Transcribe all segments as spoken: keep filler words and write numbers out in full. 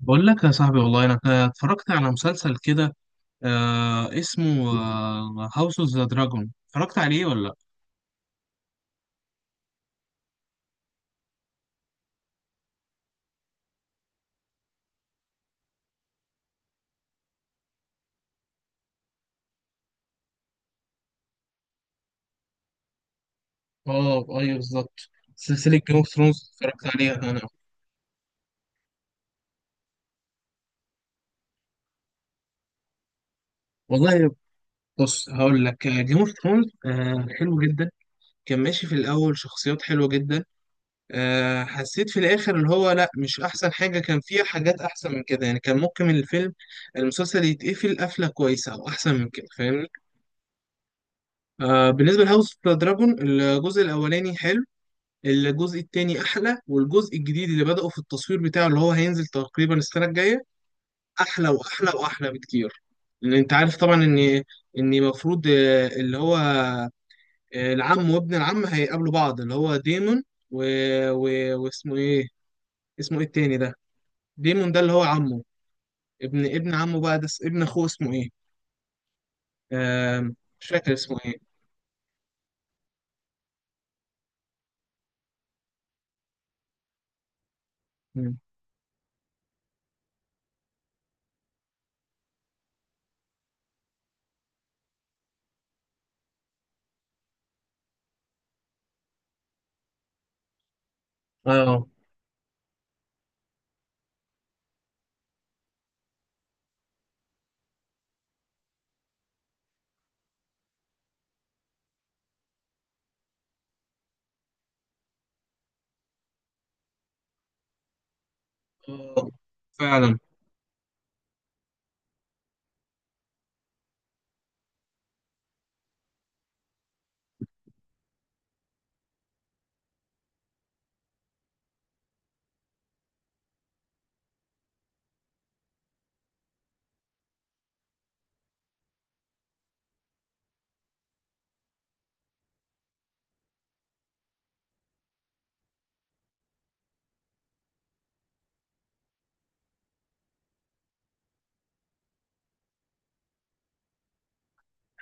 بقول لك يا صاحبي، والله انا كا- اتفرجت على مسلسل كده. آه اسمه هاوس اوف ذا دراجون، اتفرجت عليه ولا لا؟ اه، ايوه بالظبط. سلسله جيم اوف ثرونز اتفرجت عليها انا. والله، بص هقول لك، جيم اوف ثرونز حلو جدا. كان ماشي في الاول، شخصيات حلوه جدا. آه حسيت في الاخر اللي هو لا، مش احسن حاجه، كان فيها حاجات احسن من كده، يعني كان ممكن الفيلم المسلسل يتقفل قفله كويسه او احسن من كده، فاهمني؟ آه بالنسبه لهاوس اوف ذا دراجون، الجزء الاولاني حلو. الجزء التاني احلى، والجزء الجديد اللي بدأوا في التصوير بتاعه، اللي هو هينزل تقريبا السنة الجاية، احلى واحلى واحلى بكتير. لان انت عارف طبعا ان ان المفروض، آه، اللي هو، آه، العم وابن العم هيقابلوا بعض، اللي هو ديمون، و... و... واسمه ايه اسمه ايه التاني ده؟ ديمون ده اللي هو عمه، ابن ابن عمه بقى، ده س- ابن اخوه، اسمه ايه؟ آم، مش فاكر اسمه ايه. مم. اه، آه، فعلا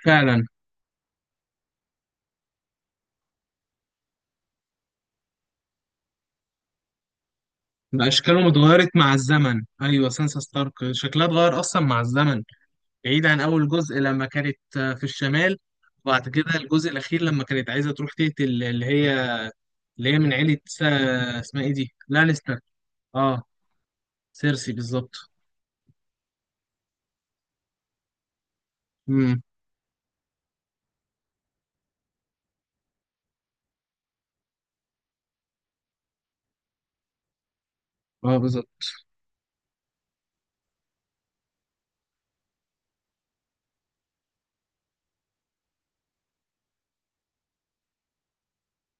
فعلا. بقى اشكالهم اتغيرت مع الزمن، ايوه سانسا ستارك شكلها اتغير اصلا مع الزمن. بعيد عن اول جزء لما كانت آه، في الشمال. وبعد كده الجزء الاخير لما كانت عايزه تروح تقتل اللي هي، اللي هي من عيله سا... اسمها ايه دي، لانستر. اه، سيرسي بالظبط. امم، اه بالظبط.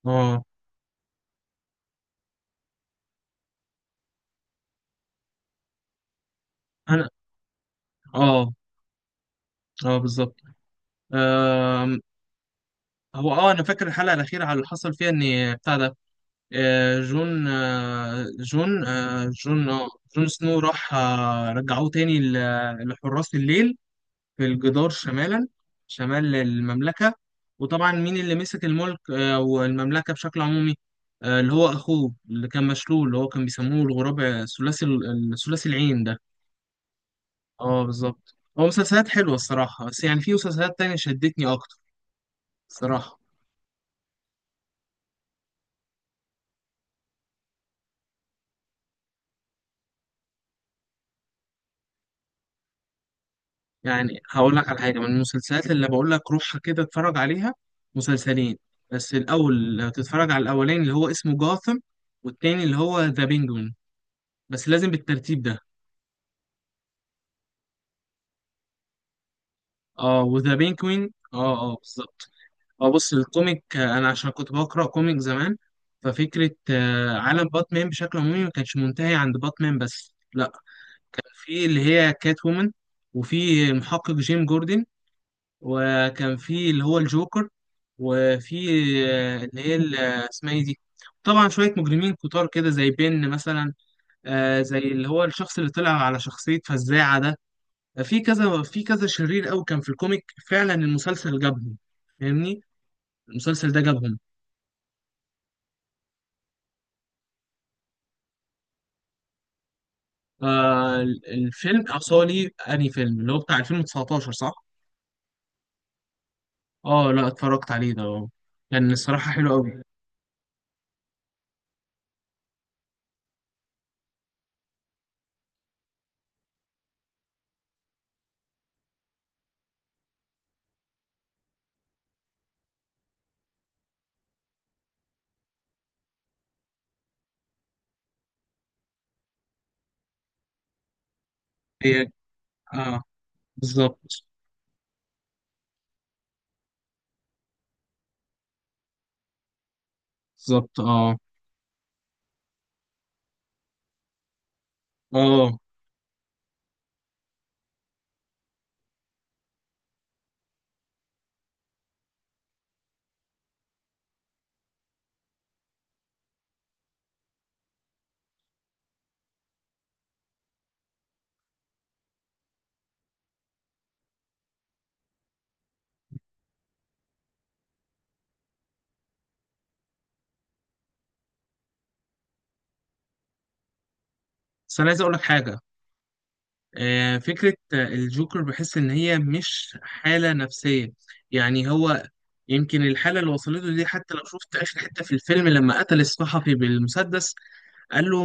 اه انا، اه اه بالظبط. آم، هو اه، انا فاكر الحلقه الاخيره على اللي حصل فيها، ان بتاع ده، آه، جون آه، جون آه، جون آه، جون سنو راح، آه، رجعوه تاني ل- لحراس الليل في الجدار شمالا، شمال المملكة. وطبعا مين اللي مسك الملك آه، والمملكة بشكل عمومي؟ آه، اللي هو أخوه اللي كان مشلول، اللي هو كان بيسموه الغراب، آه، ثلاثي ال- ثلاثي العين ده. اه بالظبط. هو مسلسلات حلوة الصراحة، بس يعني في مسلسلات تانية شدتني أكتر الصراحة. يعني هقول لك على حاجه من المسلسلات، اللي بقول لك روحها كده اتفرج عليها، مسلسلين. بس الاول لو تتفرج على الاولاني اللي هو اسمه جاثم، والتاني اللي هو ذا بينجوين. بس لازم بالترتيب ده. اه، وذا بينجوين، اه اه بالظبط. اه، بص الكوميك، آه، انا عشان كنت بقرا كوميك زمان، ففكره آه، عالم باتمان بشكل عمومي ما كانش منتهي عند باتمان بس، لا، كان في اللي هي كات وومن، وفي محقق جيم جوردن، وكان في اللي هو الجوكر، وفي آه، اللي هي ال- آه، اسمها ايه دي، طبعا شوية مجرمين كتار كده زي بن مثلا، آه زي اللي هو الشخص اللي طلع على شخصية فزاعة ده، في كذا في كذا شرير قوي كان في الكوميك، فعلا المسلسل جابهم، فاهمني؟ المسلسل ده جابهم. آه ال- الفيلم أصالي أنهي فيلم، اللي هو بتاع ألفين وتسعتاشر صح؟ اه لا، اتفرجت عليه ده اه. كان الصراحة حلو قوي. هي اه بالظبط. بالظبط. اه اه. بس انا عايز اقول لك حاجه، آه، فكرة آه، الجوكر، بحس إن هي مش حالة نفسية. يعني هو، يمكن الحالة اللي وصلته دي، حتى لو شفت آخر حتة في الفيلم لما قتل الصحفي بالمسدس قال له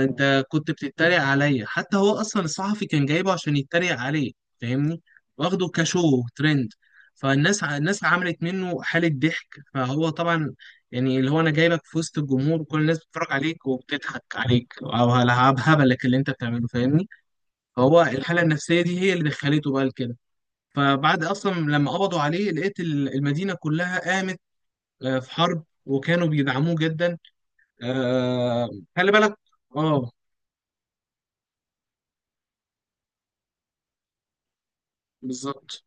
آه، أنت كنت بتتريق عليا، حتى هو أصلا الصحفي كان جايبه عشان يتريق عليه، فاهمني؟ واخده كشو ترند. فالناس ع- الناس عملت منه حالة ضحك، فهو طبعا، يعني اللي هو أنا جايبك في وسط الجمهور وكل الناس بتتفرج عليك وبتضحك عليك، أو على هبلك اللي أنت بتعمله، فاهمني؟ هو الحالة النفسية دي هي اللي دخلته بقى لكده. فبعد أصلا لما قبضوا عليه، لقيت ال- المدينة كلها قامت آه، في حرب، وكانوا بيدعموه جدا. آه، خلي بالك. اه بالظبط.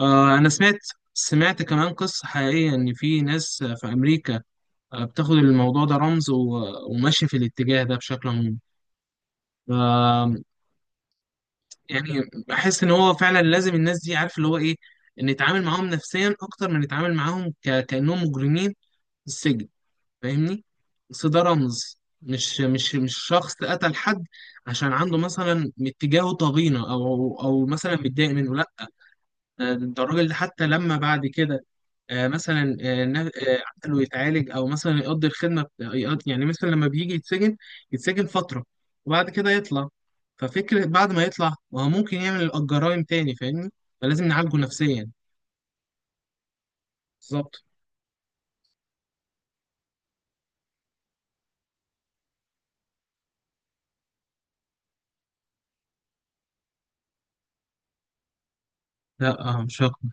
آه، أنا سمعت، سمعت كمان قصة حقيقية إن في ناس في أمريكا آه، بتاخد الموضوع ده رمز، و- وماشية في الاتجاه ده بشكل عام. ف- يعني، بحس إن هو فعلا لازم الناس دي، عارف اللي هو إيه، نتعامل معاهم نفسيا أكتر من نتعامل معاهم ك- كأنهم مجرمين في السجن، فاهمني؟ اصل ده رمز، مش مش مش شخص قتل حد عشان عنده مثلا اتجاهه طغينه، او او مثلا متضايق منه، لا، آه، ده الراجل ده حتى لما بعد كده آه، مثلا آه، نا- آه، عقله يتعالج، او مثلا يقضي الخدمه بت- يقضي- يعني مثلا لما بيجي يتسجن، يتسجن فتره وبعد كده يطلع، ففكره بعد ما يطلع وهو ممكن يعمل الجرائم تاني، فاهمني؟ فلازم نعالجه نفسيا. بالظبط. لا آه، مش هقدر.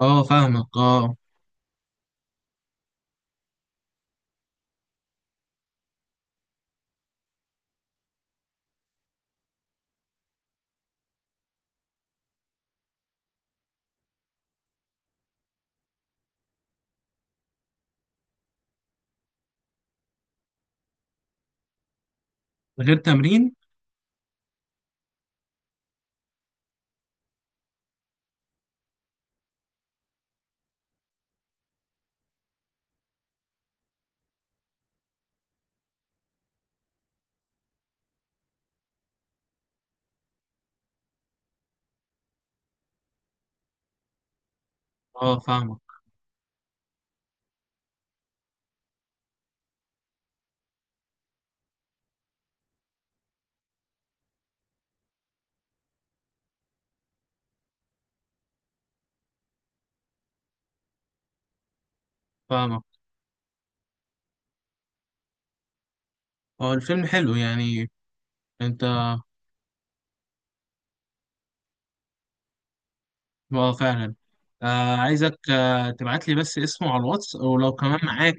اه فاهمك اه. من غير تمرين. اه فاهمك فاهمك. هو الفيلم حلو يعني؟ انت اه، فعلا. آه عايزك آه تبعت لي بس اسمه على الواتس، ولو كمان معاك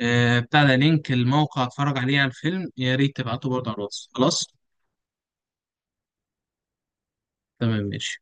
آه بتاع ده، لينك الموقع اتفرج عليه على الفيلم، يا ريت تبعته برضه على الواتس. خلاص، تمام ماشي.